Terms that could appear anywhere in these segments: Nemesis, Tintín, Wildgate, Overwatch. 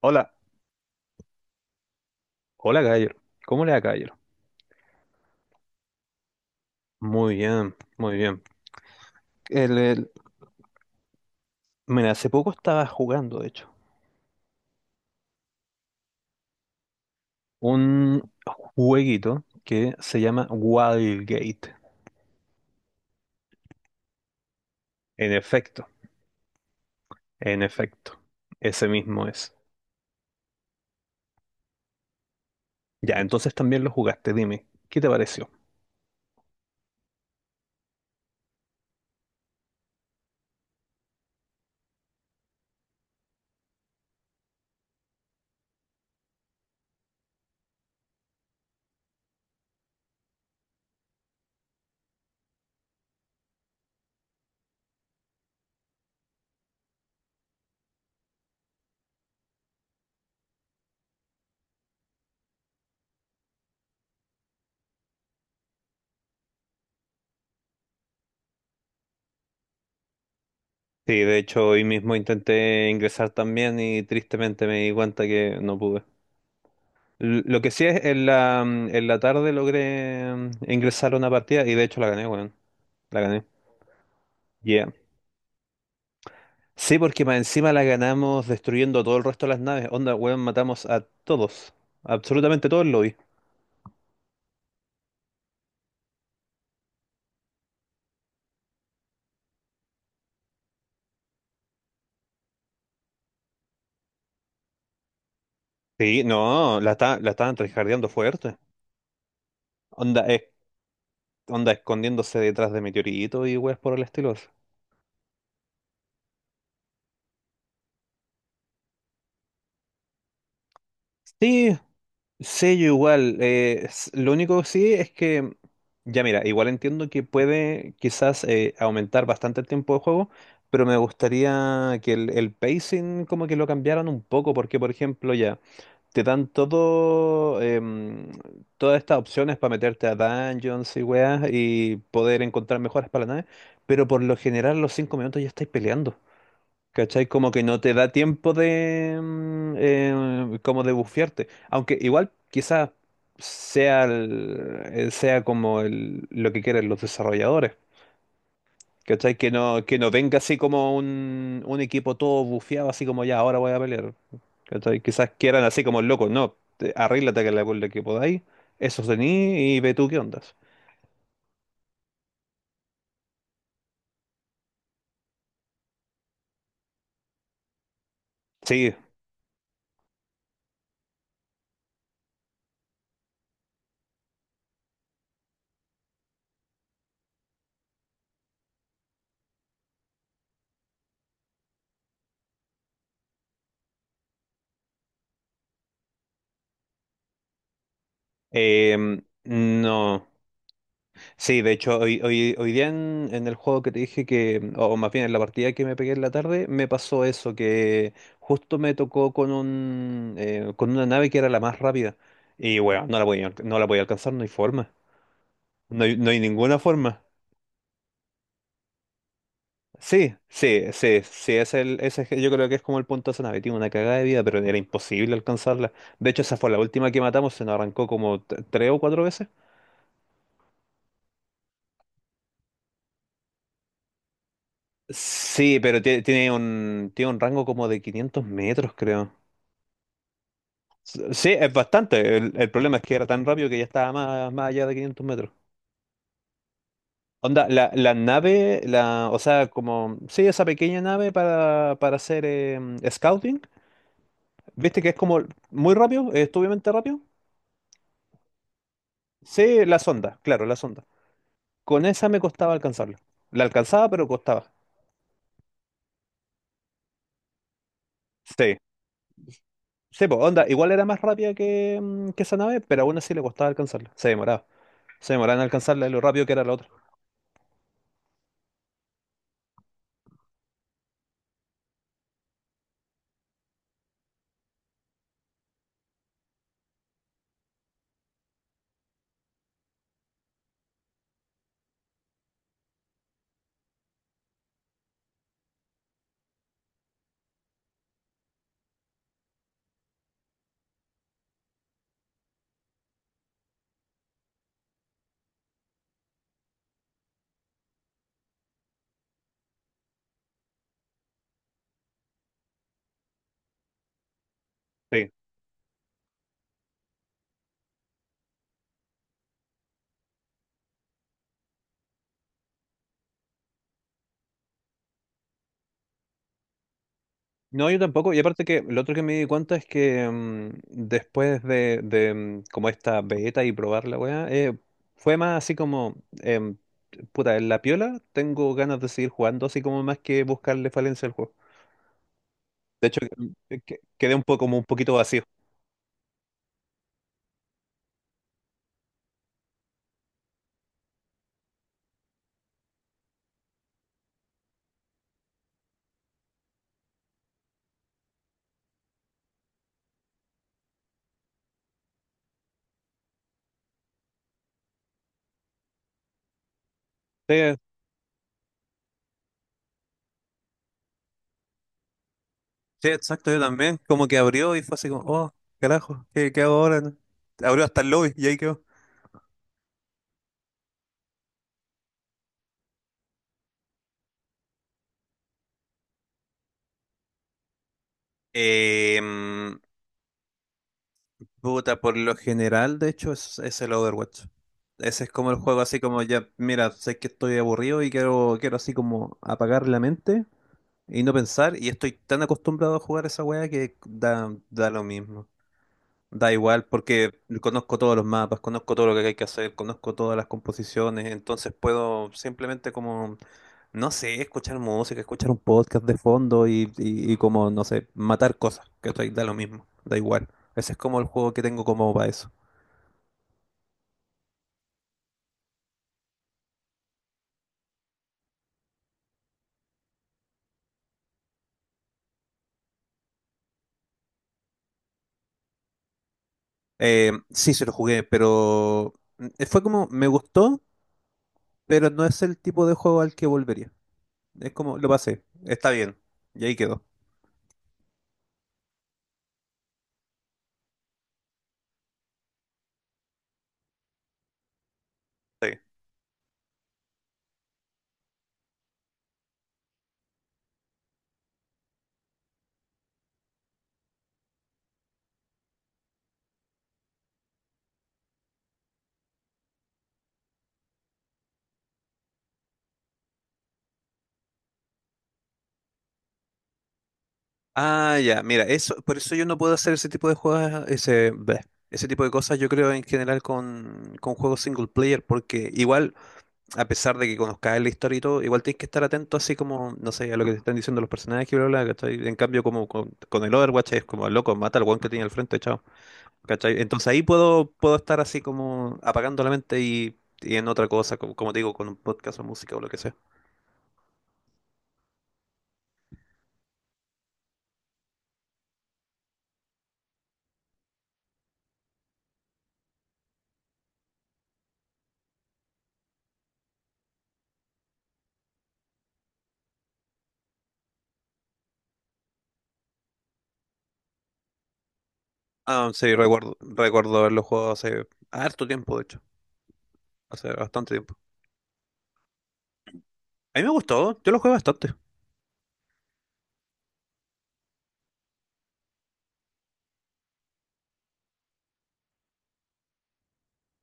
Hola, hola Gayer. ¿Cómo le va, Gayer? Muy bien, muy bien. El, el- Mira, hace poco estaba jugando, de hecho, un jueguito que se llama Wildgate. En efecto, en efecto. Ese mismo es. Ya, entonces también lo jugaste, dime, ¿qué te pareció? Sí, de hecho hoy mismo intenté ingresar también y tristemente me di cuenta que no pude. Lo que sí es, en la tarde logré ingresar a una partida y de hecho la gané, weón. La gané. Yeah. Sí, porque más encima la ganamos destruyendo todo el resto de las naves. Onda, weón, matamos a todos. Absolutamente todos lo vi. Sí, no, la estaban tryhardeando fuerte. Onda, es- Onda, escondiéndose detrás de meteoritos y weas por el estilo. Sí, sí, yo igual. Lo único que sí es que, ya mira, igual entiendo que puede quizás aumentar bastante el tiempo de juego, pero me gustaría que el pacing como que lo cambiaran un poco, porque por ejemplo ya te dan todo, todas estas opciones para meterte a dungeons y weas y poder encontrar mejoras para la nave, pero por lo general los cinco minutos ya estáis peleando. ¿Cachai? Como que no te da tiempo de, como de bufiarte. Aunque igual quizás sea como lo que quieren los desarrolladores. ¿Cachai? Que no venga así como un equipo todo bufeado, así como ya, ahora voy a pelear. ¿Cachai? Quizás quieran así como locos, no, arríglate que la, con lo que podáis, eso tení y ve tú qué ondas. Sí, eh, no. Sí, de hecho, hoy día en el juego que te dije que, o más bien en la partida que me pegué en la tarde, me pasó eso, que justo me tocó con un, con una nave que era la más rápida. Y bueno, no la podía alcanzar, no hay forma. No hay, no hay ninguna forma. Sí, sí, sí, sí, ese es el, ese es- yo creo que es como el punto de esa nave, tiene una cagada de vida, pero era imposible alcanzarla. De hecho, esa fue la última que matamos, se nos arrancó como tres o cuatro veces. Sí, pero tiene un rango como de 500 metros, creo. Sí, es bastante. El problema es que era tan rápido que ya estaba más, más allá de 500 metros. Onda, o sea, como, sí, esa pequeña nave para hacer scouting, viste que es como muy rápido, es obviamente rápido. Sí, la sonda, claro, la sonda. Con esa me costaba alcanzarla. La alcanzaba, pero costaba. Sí, sí, pues, onda, igual era más rápida que, que esa nave, pero aún así le costaba alcanzarla. Se demoraba. Se demoraba en alcanzarla y lo rápido que era la otra. Sí. No, yo tampoco. Y aparte que lo otro que me di cuenta es que después como esta beta y probar la weá, fue más así como, em, puta, en la piola tengo ganas de seguir jugando, así como más que buscarle falencia al juego. De hecho, quedé un poco, como un poquito vacío. Sí, sí, exacto, yo también. Como que abrió y fue así como, oh, carajo, ¿qué, qué hago ahora? Abrió hasta el lobby y ahí quedó. Em, Puta, por lo general, de hecho, es el Overwatch. Ese es como el juego así como ya, mira, sé que estoy aburrido y quiero, quiero así como apagar la mente y no pensar. Y estoy tan acostumbrado a jugar esa weá que da, da lo mismo. Da igual porque conozco todos los mapas, conozco todo lo que hay que hacer, conozco todas las composiciones, entonces puedo simplemente como, no sé, escuchar música, escuchar un podcast de fondo y como, no sé, matar cosas, que estoy, da lo mismo, da igual. Ese es como el juego que tengo como para eso. Sí, se lo jugué, pero fue como, me gustó, pero no es el tipo de juego al que volvería. Es como, lo pasé, está bien, y ahí quedó. Ah, ya, mira, eso, por eso yo no puedo hacer ese tipo de juegos, ese, bleh, ese tipo de cosas, yo creo en general con juegos single player, porque igual, a pesar de que conozcas la historia y todo, igual tienes que estar atento así como, no sé, a lo que te están diciendo los personajes, bla, bla, bla, ¿cachai? En cambio, como con el Overwatch es como, loco, mata al weón que tiene al frente, chao, ¿cachai? Entonces ahí puedo, puedo estar así como apagando la mente y en otra cosa, como, como te digo, con un podcast o música o lo que sea. Ah, sí, recuerdo, recuerdo haberlo jugado hace harto tiempo, de hecho, hace bastante tiempo. A mí me gustó, yo lo jugué bastante.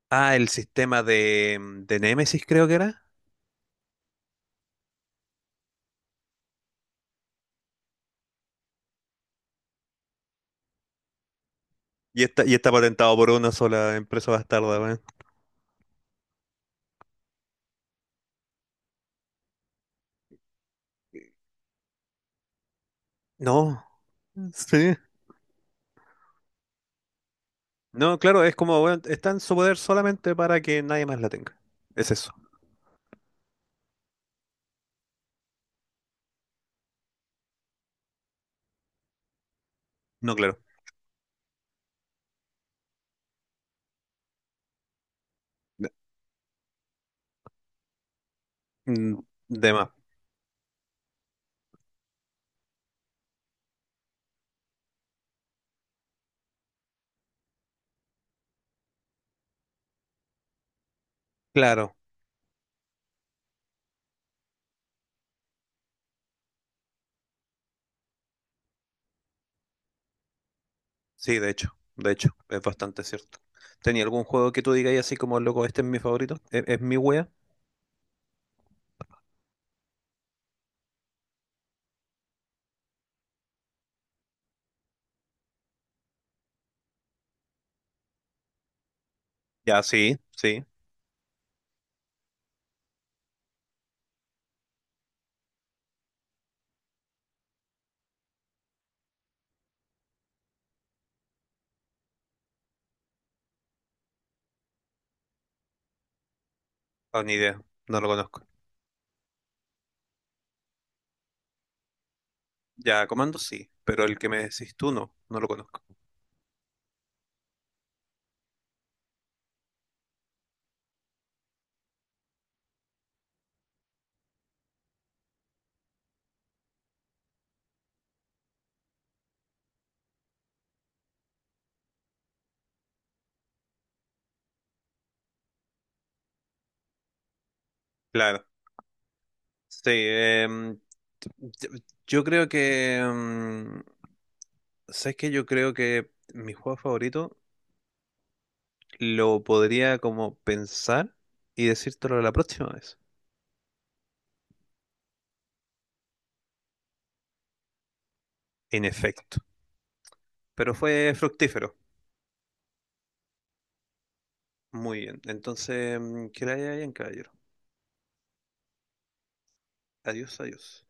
Ah, el sistema de, de Nemesis creo que era. Y está patentado por una sola empresa bastarda, weón. No, sí. No, claro, es como, weón, está en su poder solamente para que nadie más la tenga. Es eso. No, claro. De, mm, de más. Claro, sí, de hecho, es bastante cierto. ¿Tenía algún juego que tú digas así como, loco, este es mi favorito? Es mi wea? Ya, sí, sí. Ah, ni idea, no lo conozco. Ya, Comando sí, pero el que me decís tú no, no lo conozco. Claro. Sí, em, t- t- yo creo que... ¿Sabes qué? Yo creo que mi juego favorito lo podría como pensar y decírtelo la próxima vez. En efecto. Pero fue fructífero. Muy bien. Entonces, que la haya bien, caballero. Adiós, adiós.